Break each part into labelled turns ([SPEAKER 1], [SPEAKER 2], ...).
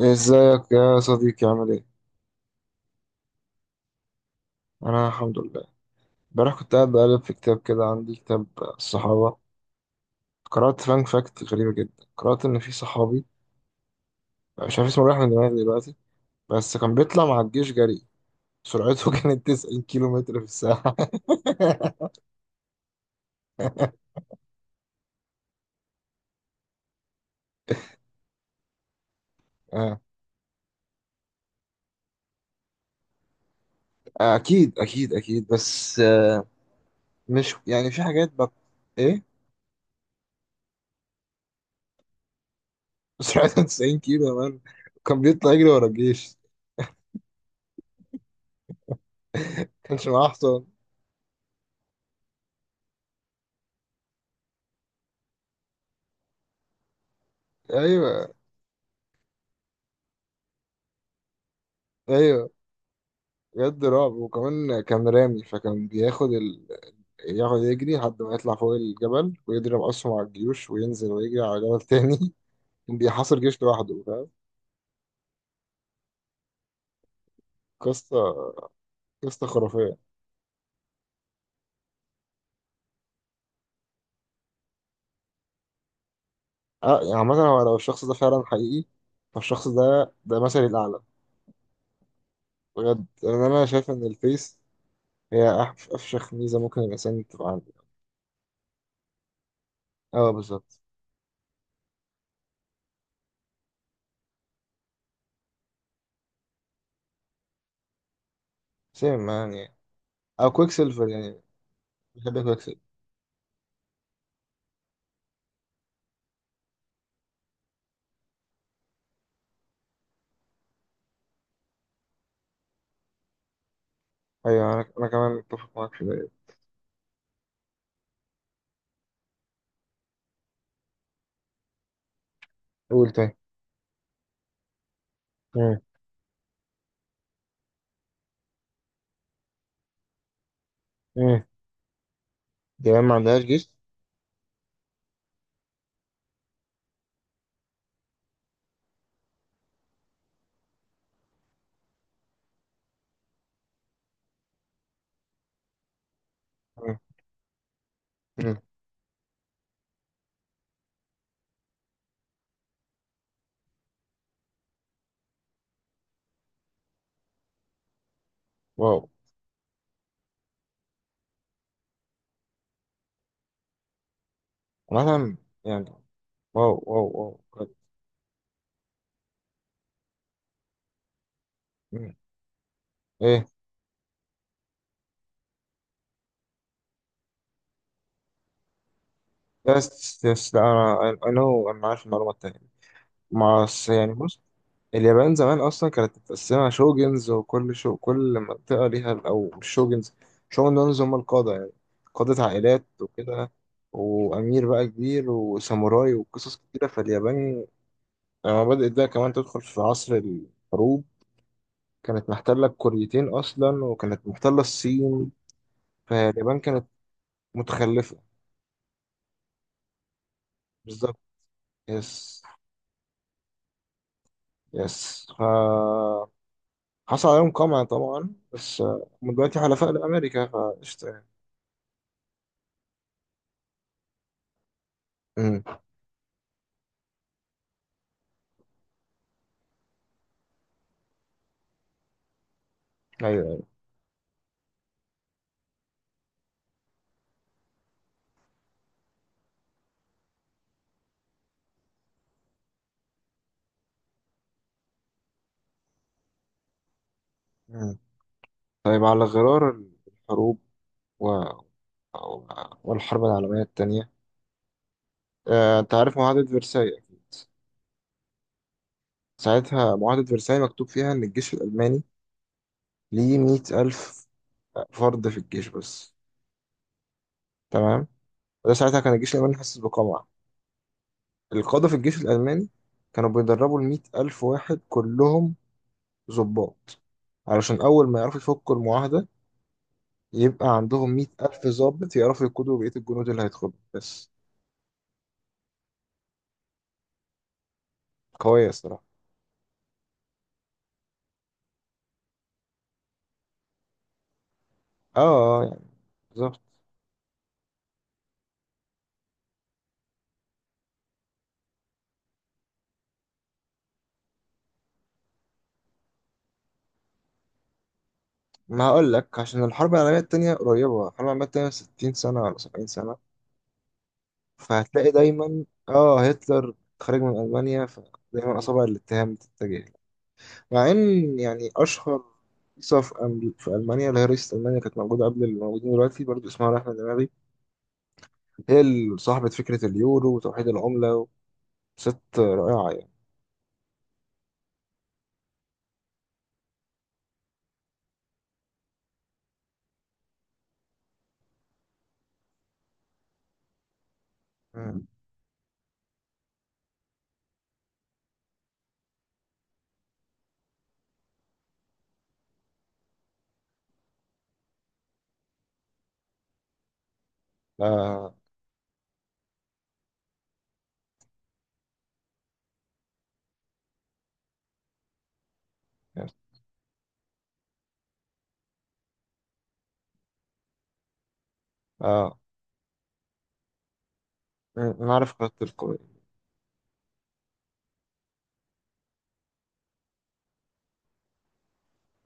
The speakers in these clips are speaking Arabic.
[SPEAKER 1] ازيك يا صديقي؟ عامل ايه؟ انا الحمد لله. امبارح كنت قاعد بقلب في كتاب كده، عندي كتاب الصحابة. قرأت فان فاكت غريبة جدا. قرأت ان في صحابي مش عارف اسمه، رايح من دماغي دلوقتي، بس كان بيطلع مع الجيش جري. سرعته كانت 90 كيلو متر في الساعة. آه. اكيد اكيد اكيد، بس مش يعني في حاجات ايه؟ سرعته 90 كيلو يا مان. كان بيطلع يجري ورا الجيش، كانش معاه حصان. ايوه، ايوه، بجد رعب. وكمان كان رامي، فكان بياخد يقعد يجري لحد ما يطلع فوق الجبل ويضرب أسهم على الجيوش وينزل ويجري على جبل تاني. بيحاصر جيش لوحده، فاهم؟ قصة، قصة خرافية. اه يعني مثلا، هو لو الشخص ده فعلا حقيقي، فالشخص ده مثلي الأعلى. بجد، لأن أنا شايف إن الفيس هي أفشخ ميزة ممكن الإنسان تبقى عنده. اه بالظبط. سيم يعني، أو كويك سيلفر يعني. بحب كويك سيلفر. أيوه، أنا كمان متفق معاك في ده. قول تاني. مم. مم. دي ما عندهاش جيش. مم. مم. واو. مثلا يعني. واو، واو، واو، بجد. مم. ايه. يس، يس، لا انا عارف المعلومه التانيه. مع يعني بص، اليابان زمان اصلا كانت متقسمه شوجنز، وكل كل منطقه ليها، او مش شوجنز. شوجنز هم القاده يعني، قاده عائلات وكده. وامير بقى كبير وساموراي وقصص كتيره. فاليابان لما بدات بقى كمان تدخل في عصر الحروب، كانت محتله الكوريتين اصلا، وكانت محتله الصين. فاليابان كانت متخلفه. بالظبط. يس. يس، ف حصل عليهم قمع طبعا، بس هم دلوقتي حلفاء لأمريكا فقشطة يعني. امم. أيوه، أيوه. مم. طيب، على غرار الحروب و... و- والحرب العالمية التانية، آه، أنت عارف معاهدة فرساي أكيد. ساعتها معاهدة فرساي مكتوب فيها إن الجيش الألماني ليه 100,000 فرد في الجيش بس. تمام. وده ساعتها كان الجيش الألماني حاسس بقمع. القادة في الجيش الألماني كانوا بيدربوا الـ100,000 واحد كلهم ضباط، علشان أول ما يعرفوا يفكوا المعاهدة يبقى عندهم 100,000 ضابط يعرفوا يقودوا بقية الجنود اللي هيدخلوا بس. قوية الصراحة. اه، آه، يعني بالظبط. ما هقول لك، عشان الحرب العالمية التانية قريبة. الحرب العالمية التانية 60 سنة ولا 70 سنة. فهتلاقي دايما اه هتلر خارج من ألمانيا، فدايما أصابع الاتهام بتتجه له. مع إن يعني أشهر رئيسة في في ألمانيا، اللي هي رئيسة ألمانيا كانت موجودة قبل اللي موجودين دلوقتي برضه، اسمها رحمة دماغي. هي اللي صاحبة فكرة اليورو وتوحيد العملة. ست رائعة يعني. مم. آه، آه. مم. نعرف قدر القوي.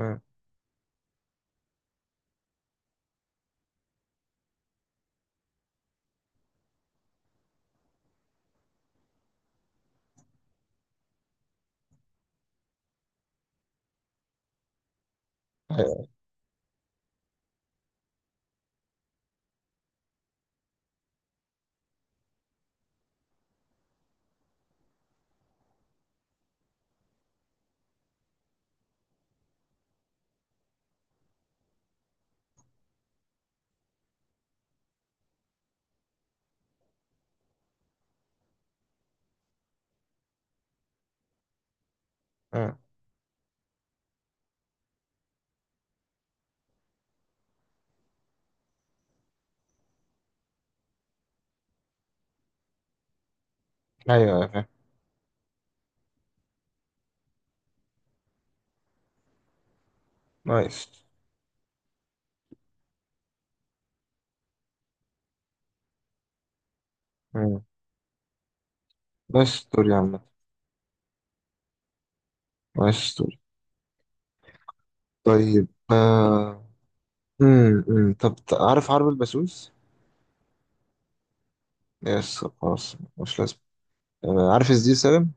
[SPEAKER 1] مم. أيوة. مم. أيوة يا فاهم. نايس. مم. نايس ستوري يا عم. نايس ستوري. طيب آه. مم. مم. طب عارف حرب البسوس؟ يس خلاص مش لازم. آه. عارف ازاي سالم؟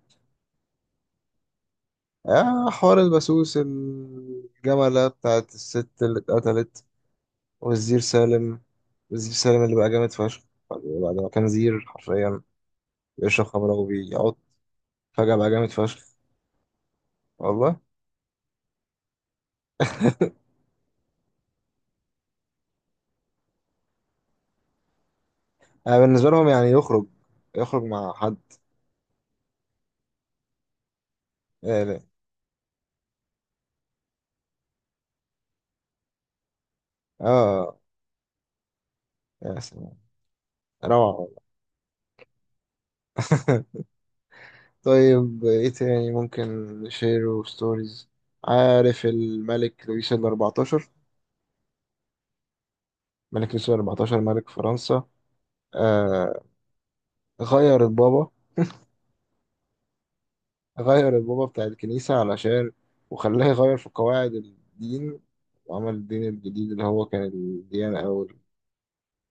[SPEAKER 1] آه، حوار البسوس، الجملة بتاعت الست اللي اتقتلت، والزير سالم. والزير سالم اللي بقى جامد فشخ بعد ما كان زير حرفيا، بيشرب خمرة وبيقعد. فجأة بقى جامد فشخ، والله. انا بالنسبة لهم يعني يخرج مع حد. اه لا. اه. يا سلام، روعة والله. طيب، ايه تاني ممكن نشير وستوريز. عارف الملك لويس الأربعتاشر؟ ملك لويس الأربعتاشر ملك فرنسا. آه، غير البابا. غير البابا بتاع الكنيسة علشان، وخلاه يغير في قواعد الدين، وعمل الدين الجديد اللي هو كان الديانة، أو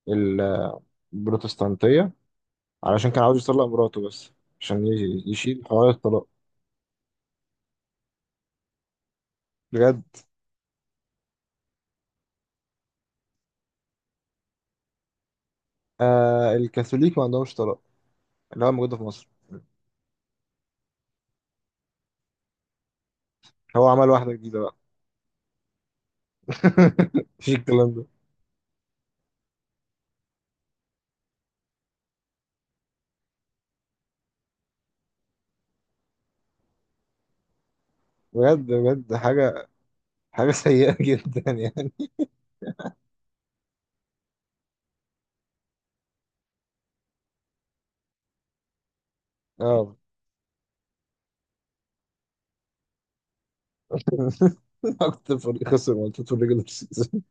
[SPEAKER 1] ال- البروتستانتية، علشان كان عاوز يطلق مراته بس. عشان يشيل حوار الطلاق. بجد. آه، الكاثوليك ما عندهمش طلاق، اللي هو موجودة في مصر. هو عمل واحدة جديدة بقى. مفيش الكلام ده. بجد، بجد، حاجة، حاجة سيئة جدا يعني. اه. أكتر فريق خسر ماتشات في الريجولار سيزون.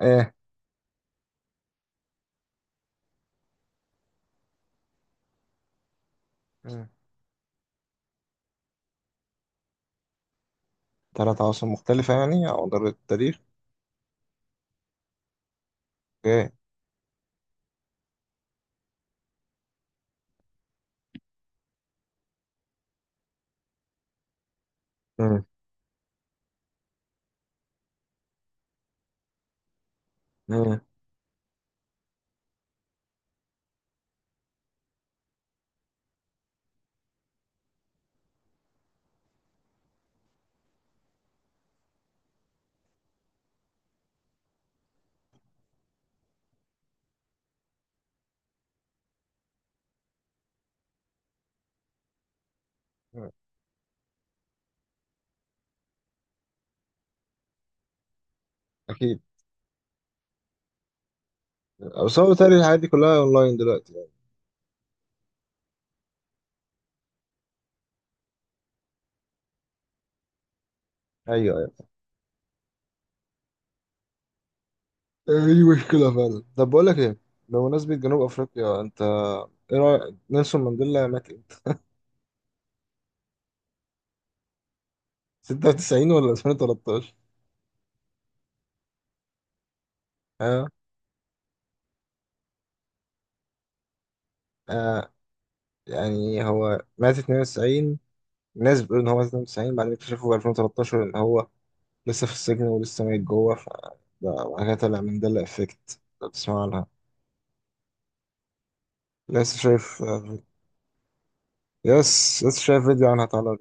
[SPEAKER 1] ايه. مم. تلات عواصم مختلفة يعني على مدار التاريخ. اوكي. مم. مم. أكيد. بس هو بيتهيألي الحاجات دي كلها أونلاين دلوقتي يعني. أيوه. دي مشكلة فعلا. طب بقول لك ايه، بمناسبة جنوب افريقيا، انت ايه رأيك نيلسون مانديلا مات امتى؟ 96 ولا 2013؟ ها. آه. يعني هو مات 92. الناس بتقول ان هو مات 92، بعدين اكتشفوا في 2013 ان هو لسه في السجن ولسه ميت جوه. ف ده بعد كده طلع مانديلا افكت، لو تسمع عنها. لسه شايف يس، لسه شايف فيديو عنها طالع.